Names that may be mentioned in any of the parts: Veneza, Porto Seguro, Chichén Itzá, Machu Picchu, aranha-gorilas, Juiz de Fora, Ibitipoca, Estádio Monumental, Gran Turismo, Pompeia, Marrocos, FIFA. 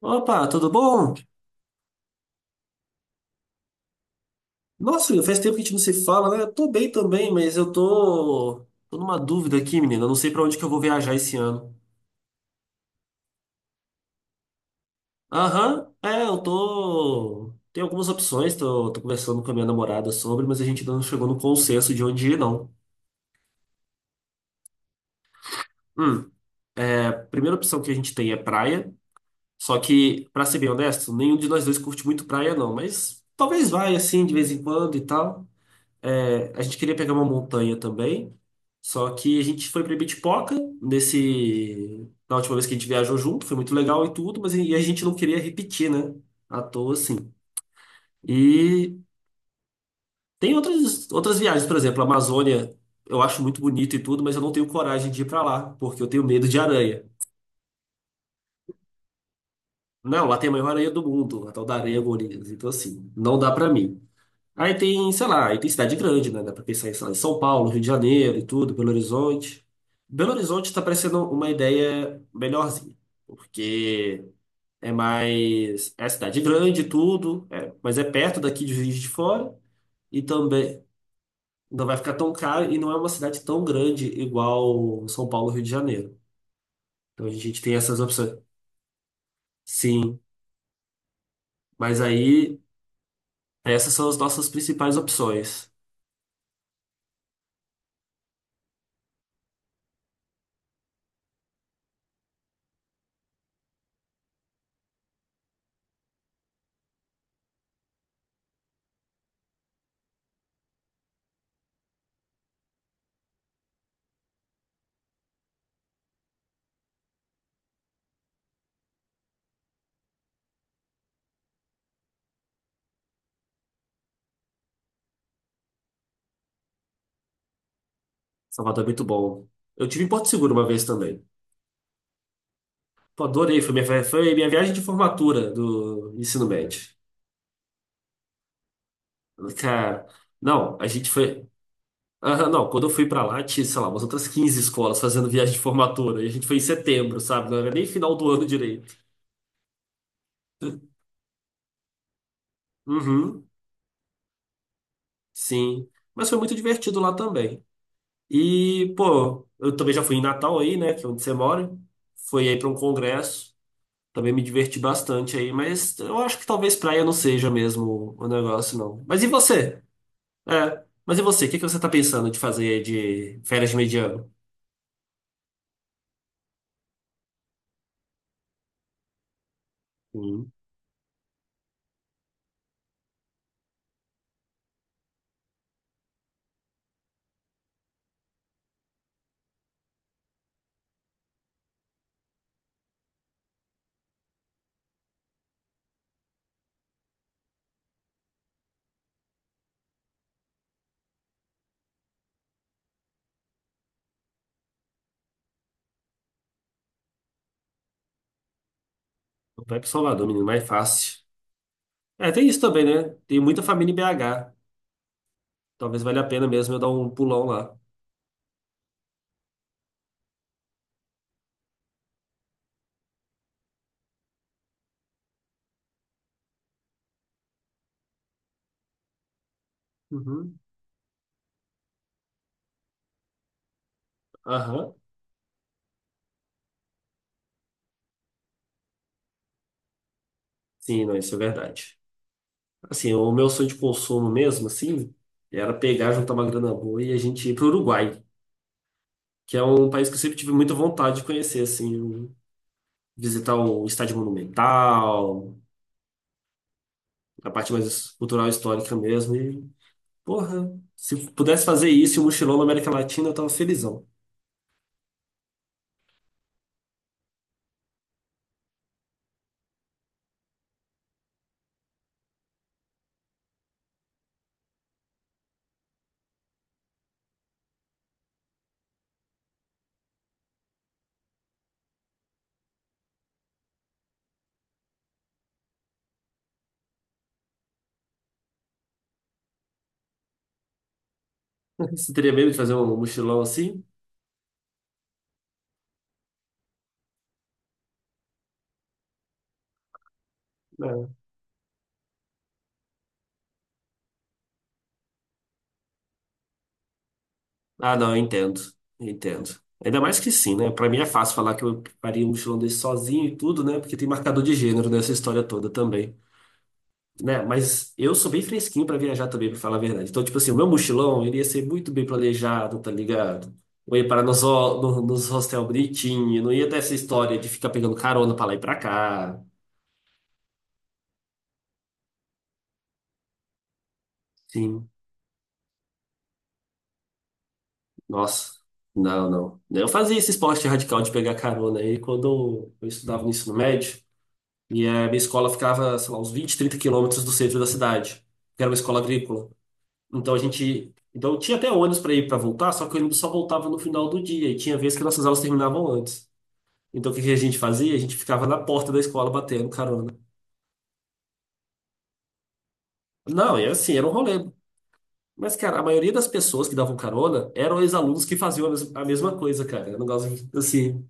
Opa, tudo bom? Nossa, Will, faz tempo que a gente não se fala, né? Eu tô bem também, mas eu tô numa dúvida aqui, menina. Eu não sei pra onde que eu vou viajar esse ano. Aham, é, eu tô. Tem algumas opções, tô conversando com a minha namorada sobre, mas a gente ainda não chegou no consenso de onde ir, não. Hum, a primeira opção que a gente tem é praia. Só que, pra ser bem honesto, nenhum de nós dois curte muito praia, não. Mas talvez vai assim, de vez em quando e tal. É, a gente queria pegar uma montanha também, só que a gente foi pra Ibitipoca na última vez que a gente viajou junto, foi muito legal e tudo, mas e a gente não queria repetir, né? À toa, assim. E tem outras viagens, por exemplo, a Amazônia, eu acho muito bonito e tudo, mas eu não tenho coragem de ir pra lá, porque eu tenho medo de aranha. Não, lá tem a maior aranha do mundo, a tal da aranha-gorilas, então assim, não dá pra mim. Aí tem, sei lá, aí tem cidade grande, né? Dá pra pensar em, sei lá, em São Paulo, Rio de Janeiro e tudo, Belo Horizonte. Belo Horizonte tá parecendo uma ideia melhorzinha, porque é mais. É cidade grande e tudo, é, mas é perto daqui de Juiz de Fora e também não vai ficar tão caro e não é uma cidade tão grande igual São Paulo, Rio de Janeiro. Então a gente tem essas opções. Sim, mas aí essas são as nossas principais opções. Salvador é muito bom. Eu tive em Porto Seguro uma vez também. Pô, adorei. Foi minha viagem de formatura do ensino médio. Cara, não, a gente foi. Aham, não, quando eu fui pra lá, tinha, sei lá, umas outras 15 escolas fazendo viagem de formatura. E a gente foi em setembro, sabe? Não era nem final do ano direito. Uhum, sim. Mas foi muito divertido lá também. E, pô, eu também já fui em Natal aí, né? Que é onde você mora. Fui aí pra um congresso. Também me diverti bastante aí, mas eu acho que talvez praia não seja mesmo o negócio, não. Mas e você? É. Mas e você? O que que você tá pensando de fazer de férias de mediano? Hum, Vai pro Salvador, menino, mais fácil. É, tem isso também, né? Tem muita família em BH. Talvez valha a pena mesmo eu dar um pulão lá. Uhum. Aham. Sim, não, isso é verdade. Assim, o meu sonho de consumo mesmo, assim, era pegar, juntar uma grana boa e a gente ir pro Uruguai, que é um país que eu sempre tive muita vontade de conhecer, assim, visitar o Estádio Monumental, a parte mais cultural e histórica mesmo, e Porra, se eu pudesse fazer isso e um mochilão na América Latina, eu tava felizão. Você teria medo de fazer um mochilão assim? É. Ah, não, eu entendo. Eu entendo. Ainda mais que sim, né? Pra mim é fácil falar que eu faria um mochilão desse sozinho e tudo, né? Porque tem marcador de gênero nessa história toda também. Né? Mas eu sou bem fresquinho pra viajar também, pra falar a verdade. Então, tipo assim, o meu mochilão ele ia ser muito bem planejado, tá ligado? Eu ia parar nos, ho- no- nos hostel bonitinho, não ia ter essa história de ficar pegando carona pra lá e pra cá. Sim. Nossa, não. Eu fazia esse esporte radical de pegar carona aí quando eu estudava no ensino médio. E a minha escola ficava, sei lá, uns 20 30 quilômetros do centro da cidade, que era uma escola agrícola. Então a gente. Então tinha até ônibus para ir para voltar, só que o ônibus só voltava no final do dia. E tinha vezes que nossas aulas terminavam antes. Então o que que a gente fazia? A gente ficava na porta da escola batendo carona. Não, era assim, era um rolê. Mas, cara, a maioria das pessoas que davam carona eram ex-alunos que faziam a mesma coisa, cara. Era um negócio assim.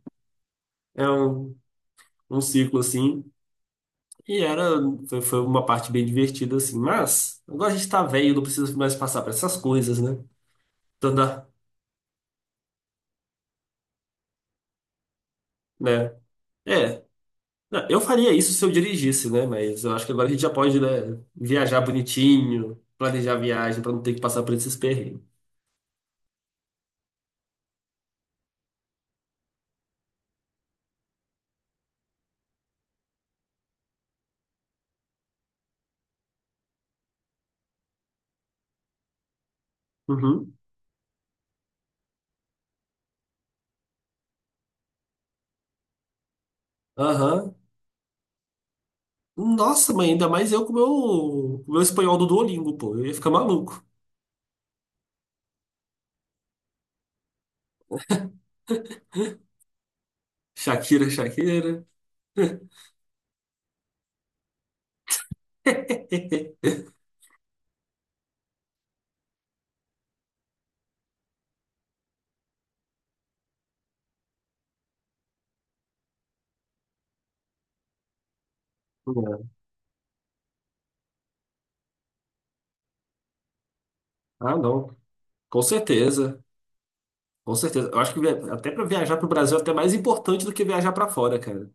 É um ciclo assim, e era foi, foi uma parte bem divertida assim, mas agora a gente tá velho, não precisa mais passar por essas coisas, né? Então dá, né? É, não, eu faria isso se eu dirigisse, né? Mas eu acho que agora a gente já pode, né, viajar bonitinho, planejar a viagem pra não ter que passar por esses perrengues. Uhum. Aham. Nossa, mãe, ainda mais eu com com o meu espanhol do Duolingo, pô. Eu ia ficar maluco. Shakira, Shakira. Ah, não. Com certeza. Com certeza. Eu acho que até para viajar para o Brasil é até mais importante do que viajar para fora, cara.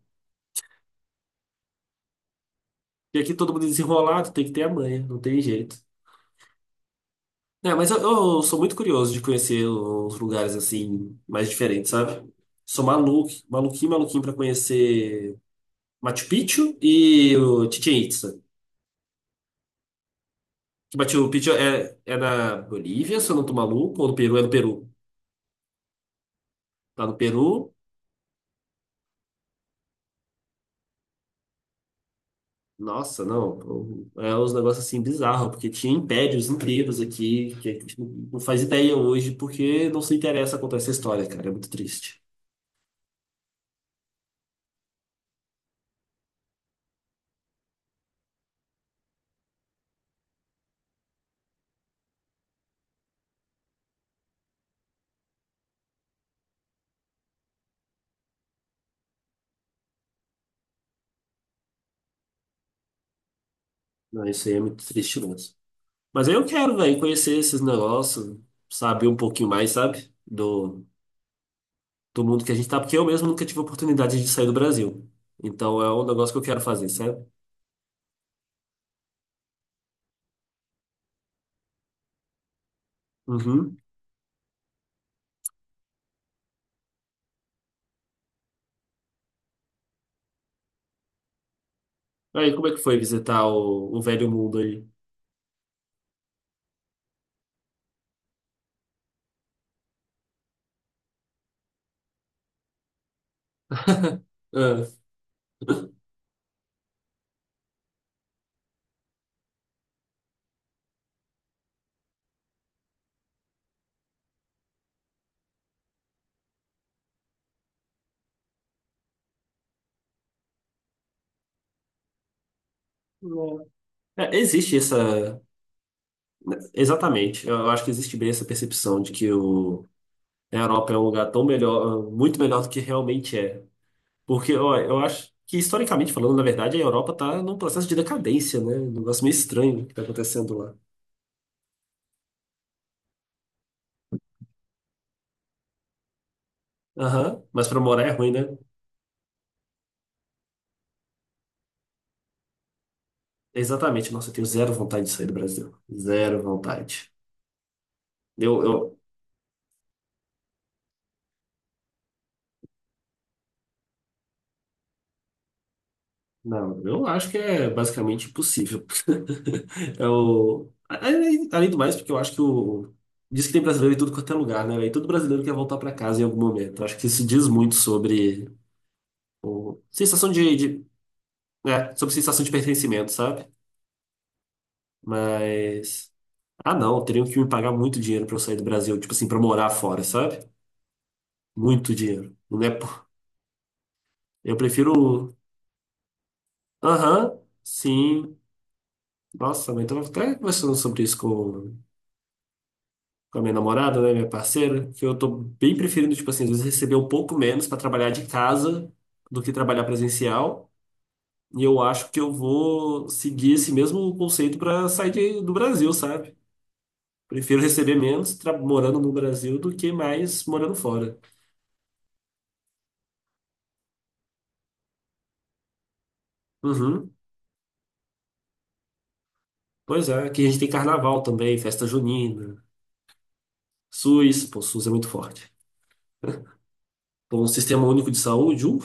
E aqui todo mundo é desenrolado, tem que ter a manha, não tem jeito. É, mas eu sou muito curioso de conhecer uns lugares assim mais diferentes, sabe? Sou maluco, maluquinho para conhecer Machu Picchu e o Chichén Itzá. Que Machu Picchu é na Bolívia, se eu não tô maluco, ou no Peru, é no Peru. Tá no Peru. Nossa, não. É uns negócios assim bizarros, porque tinha impérios inteiros aqui que a gente não faz ideia hoje, porque não se interessa contar essa história, cara. É muito triste. Não, isso aí é muito triste mesmo. Mas aí eu quero, velho, conhecer esses negócios, saber um pouquinho mais, sabe? Do mundo que a gente tá, porque eu mesmo nunca tive oportunidade de sair do Brasil. Então é um negócio que eu quero fazer, sabe? Uhum. Aí, como é que foi visitar o velho mundo aí? Ah. É, existe essa. Exatamente. Eu acho que existe bem essa percepção de que a Europa é um lugar tão melhor, muito melhor do que realmente é. Porque, ó, eu acho que, historicamente falando, na verdade, a Europa está num processo de decadência, né? Um negócio meio estranho que está acontecendo lá. Aham, mas para morar é ruim, né? Exatamente. Nossa, eu tenho zero vontade de sair do Brasil. Zero vontade. Eu, eu, não, eu acho que é basicamente impossível. Eu, além do mais, porque eu acho que o. Diz que tem brasileiro em tudo quanto é lugar, né? E todo brasileiro quer voltar para casa em algum momento. Eu acho que isso diz muito sobre o... sensação é, sobre sensação de pertencimento, sabe? Mas. Ah, não, teriam que me pagar muito dinheiro para eu sair do Brasil, tipo assim, para morar fora, sabe? Muito dinheiro. Não é por... Eu prefiro. Aham, sim. Nossa, mas eu tava até conversando sobre isso com a minha namorada, né, minha parceira, que eu tô bem preferindo, tipo assim, às vezes receber um pouco menos para trabalhar de casa do que trabalhar presencial. E eu acho que eu vou seguir esse mesmo conceito para sair do Brasil, sabe? Prefiro receber menos morando no Brasil do que mais morando fora. Uhum. Pois é, aqui a gente tem carnaval também, festa junina, SUS, pô, SUS é muito forte. Com o sistema único de saúde,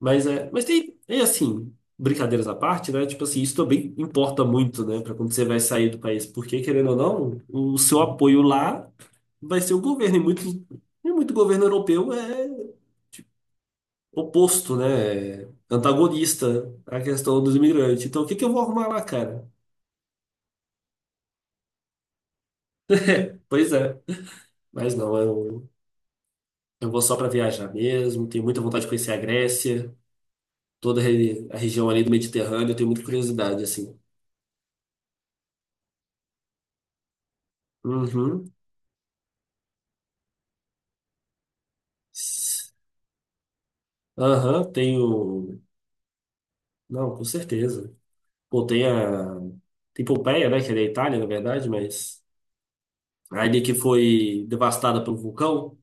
mas é, mas tem, é assim, brincadeiras à parte, né? Tipo assim, isso também importa muito, né, para quando você vai sair do país, porque querendo ou não, o seu apoio lá vai ser o governo e muito governo europeu é tipo, oposto, né? É antagonista à questão dos imigrantes. Então, o que que eu vou arrumar lá, cara? Pois é, mas não, eu vou só para viajar mesmo, tenho muita vontade de conhecer a Grécia, toda a a região ali do Mediterrâneo, eu tenho muita curiosidade assim. Uhum. Aham, tenho. Não, com certeza. Pô, tem a. Tem Pompeia, né? Que é da Itália, na verdade, mas. A ilha que foi devastada pelo vulcão,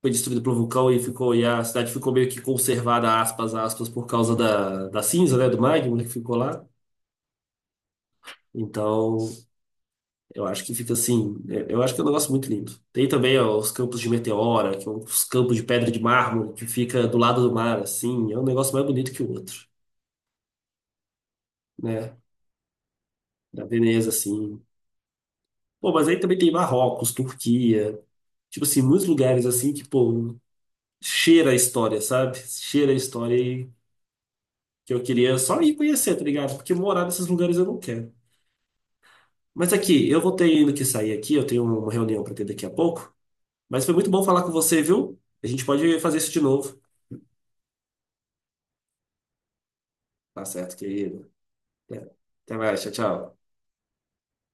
foi destruída pelo vulcão e ficou. E a cidade ficou meio que conservada, aspas, aspas, por causa da cinza, né? Do magma que ficou lá. Então, eu acho que fica assim. Eu acho que é um negócio muito lindo. Tem também, ó, os campos de meteora, que são os campos de pedra de mármore, que fica do lado do mar, assim. É um negócio mais bonito que o outro, né? Da Veneza, assim. Pô, mas aí também tem Marrocos, Turquia, tipo assim, muitos lugares assim que, pô, cheira a história, sabe? Cheira a história e que eu queria só ir conhecer, tá ligado? Porque morar nesses lugares eu não quero. Mas aqui, eu vou ter ainda que sair aqui, eu tenho uma reunião pra ter daqui a pouco. Mas foi muito bom falar com você, viu? A gente pode fazer isso de novo. Tá certo, querido. Até Até mais, tchau, tchau.